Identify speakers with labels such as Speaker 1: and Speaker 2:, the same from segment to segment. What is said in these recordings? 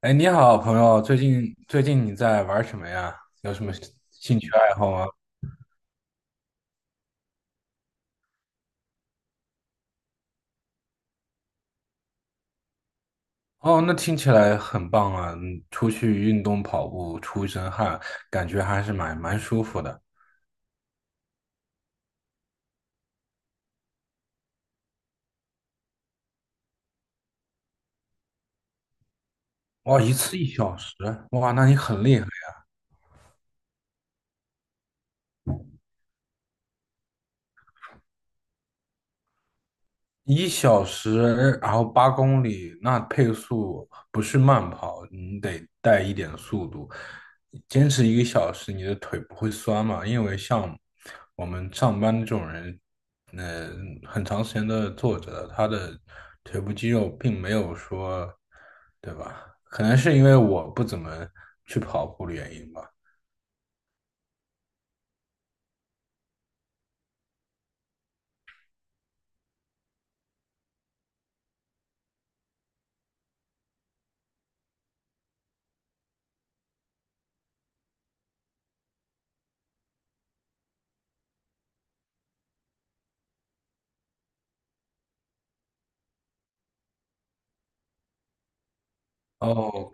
Speaker 1: 哎，你好，朋友，最近你在玩什么呀？有什么兴趣爱好吗？哦，那听起来很棒啊！嗯出去运动跑步，出一身汗，感觉还是蛮舒服的。哇，一次一小时，哇，那你很厉害。一小时，然后八公里，那配速不是慢跑，你得带一点速度。坚持一个小时，你的腿不会酸嘛？因为像我们上班这种人，呃，很长时间都是坐着的，他的腿部肌肉并没有说，对吧？可能是因为我不怎么去跑步的原因吧。哦，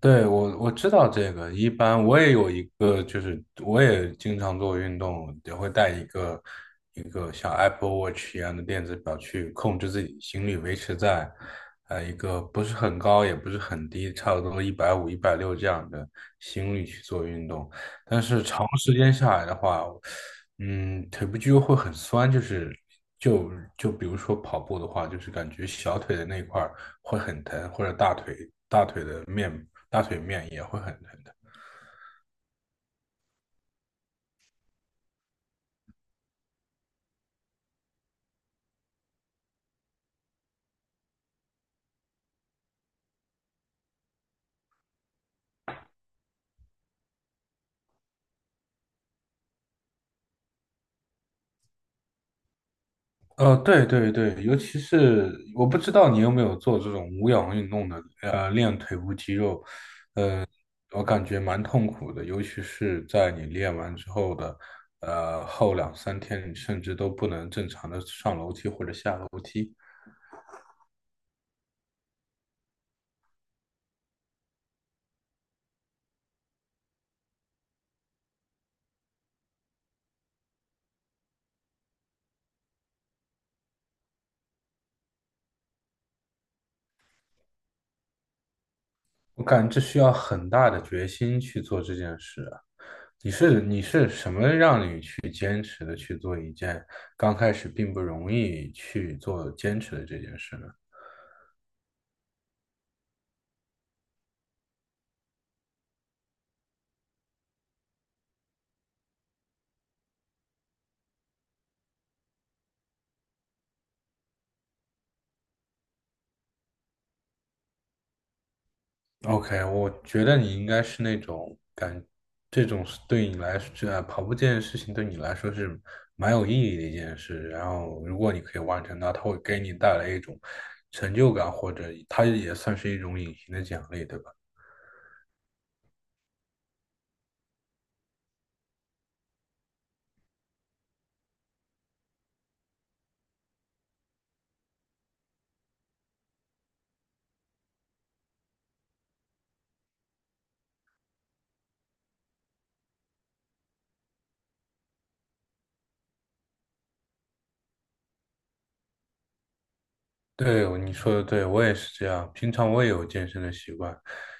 Speaker 1: 对，我知道这个，一般我也有一个，就是我也经常做运动，也会带一个像 Apple Watch 一样的电子表去控制自己心率，维持在一个不是很高也不是很低，差不多一百五、一百六这样的心率去做运动。但是长时间下来的话，嗯，腿部肌肉会很酸，就是就就比如说跑步的话，就是感觉小腿的那块儿会很疼，或者大腿。面大腿面也会很疼的。对对对，尤其是我不知道你有没有做这种无氧运动的，练腿部肌肉，我感觉蛮痛苦的，尤其是在你练完之后的，后两三天，你甚至都不能正常的上楼梯或者下楼梯。我感觉这需要很大的决心去做这件事啊。你是什么让你去坚持的去做一件刚开始并不容易去做坚持的这件事呢？OK，我觉得你应该是那种感，这种是对你来说，这跑步这件事情对你来说是蛮有意义的一件事。然后，如果你可以完成它，它会给你带来一种成就感，或者它也算是一种隐形的奖励，对吧？对，你说的对，我也是这样。平常我也有健身的习惯，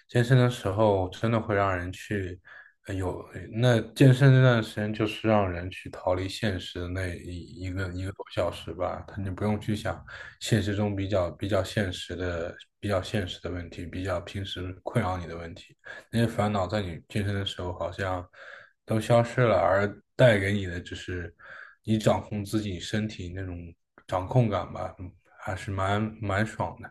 Speaker 1: 健身的时候真的会让人去，有，那健身那段时间就是让人去逃离现实的那一个多小时吧，他你不用去想现实中比较现实的问题，比较平时困扰你的问题，那些烦恼在你健身的时候好像都消失了，而带给你的就是你掌控自己身体那种掌控感吧，还是蛮爽的。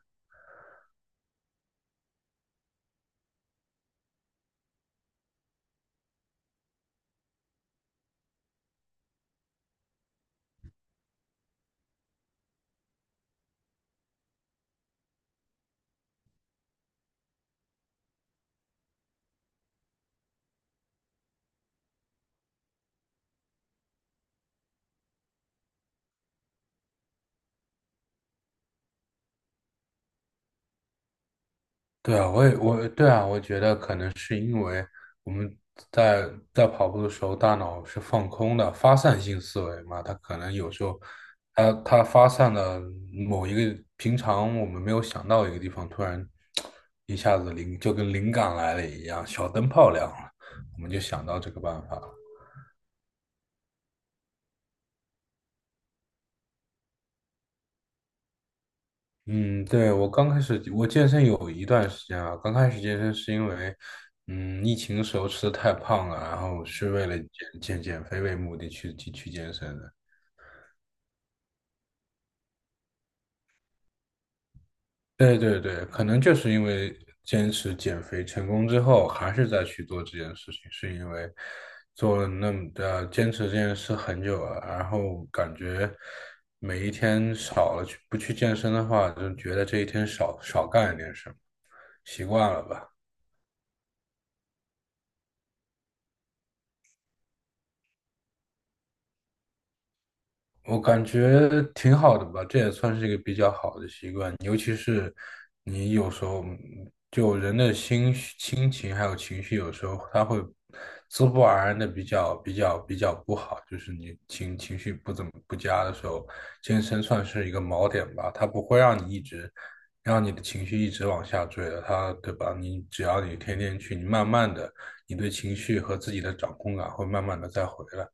Speaker 1: 对啊，我对啊，我觉得可能是因为我们在跑步的时候，大脑是放空的，发散性思维嘛，它可能有时候它发散的某一个平常我们没有想到一个地方，突然一下子灵就跟灵感来了一样，小灯泡亮了，我们就想到这个办法了。嗯，对，我刚开始健身有一段时间啊，刚开始健身是因为，嗯，疫情时候吃的太胖了，然后是为了减肥为目的去健身的。对对对，可能就是因为坚持减肥成功之后，还是再去做这件事情，是因为做了那么的坚持这件事很久了，然后感觉每一天少了去不去健身的话，就觉得这一天少干一点事，习惯了吧。我感觉挺好的吧，这也算是一个比较好的习惯，尤其是你有时候嗯就人的心绪心情还有情绪，有时候他会自不而然的比较不好，就是你情绪不怎么不佳的时候，健身算是一个锚点吧，它不会让你一直让你的情绪一直往下坠的，它对吧？你只要你天天去，你慢慢的，你对情绪和自己的掌控感会慢慢的再回来。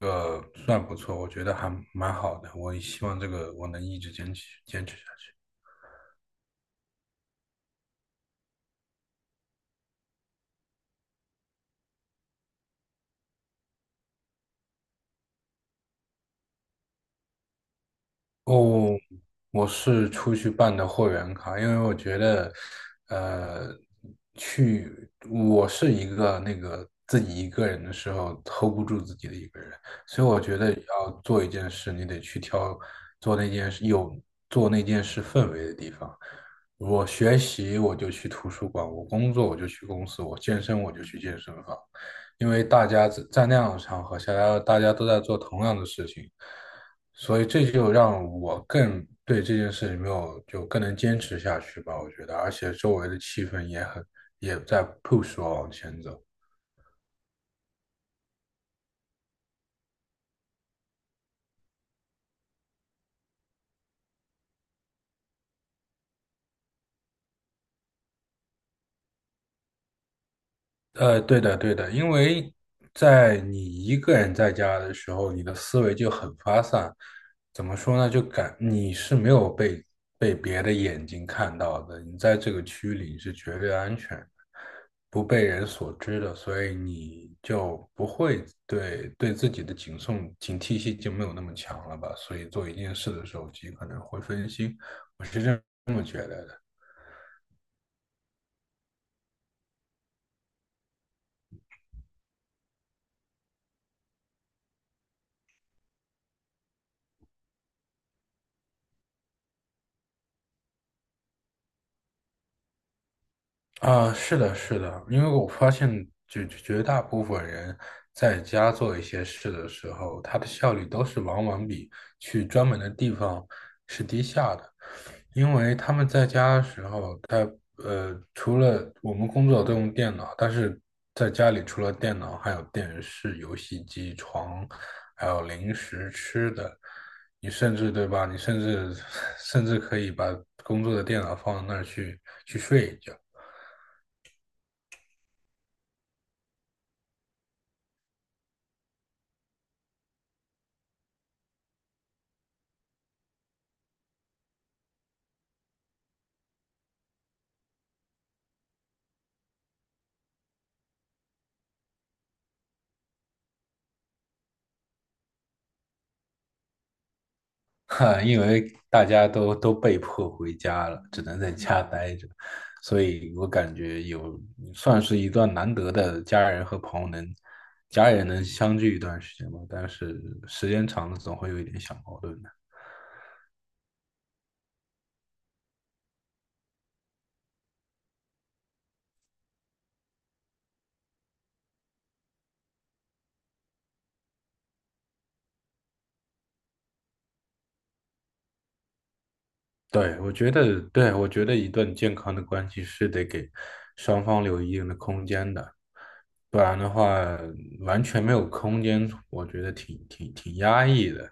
Speaker 1: 个算不错，我觉得还蛮好的。我希望这个我能一直坚持下去。哦，我是出去办的会员卡，因为我觉得，呃，去我是一个那个自己一个人的时候 hold 不住自己的一个人，所以我觉得要做一件事，你得去挑做那件事有做那件事氛围的地方。我学习我就去图书馆，我工作我就去公司，我健身我就去健身房，因为大家在那样的场合下，大家都在做同样的事情。所以这就让我更对这件事情没有就更能坚持下去吧，我觉得，而且周围的气氛也很也在 push 我往前走。对的，对的，因为在你一个人在家的时候，你的思维就很发散。怎么说呢？就感你是没有被别的眼睛看到的，你在这个区域里是绝对安全的，不被人所知的，所以你就不会对自己的警惕性就没有那么强了吧？所以做一件事的时候，极可能会分心。我是认。啊，是的，是的，因为我发现绝大部分人在家做一些事的时候，他的效率都是往往比去专门的地方是低下的，因为他们在家的时候，他除了我们工作都用电脑，但是在家里除了电脑，还有电视、游戏机、床，还有零食吃的，你甚至对吧？你甚至 甚至可以把工作的电脑放到那儿去睡一觉。哈，因为大家都被迫回家了，只能在家待着，所以我感觉有算是一段难得的家人和朋友能家人能相聚一段时间吧。但是时间长了，总会有一点小矛盾的。对，我觉得，对，我觉得一段健康的关系是得给双方留一定的空间的，不然的话完全没有空间，我觉得挺压抑的。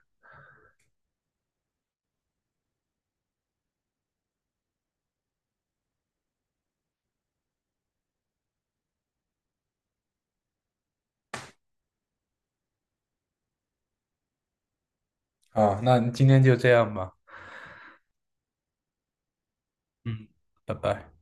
Speaker 1: 啊，那今天就这样吧，嗯，拜拜。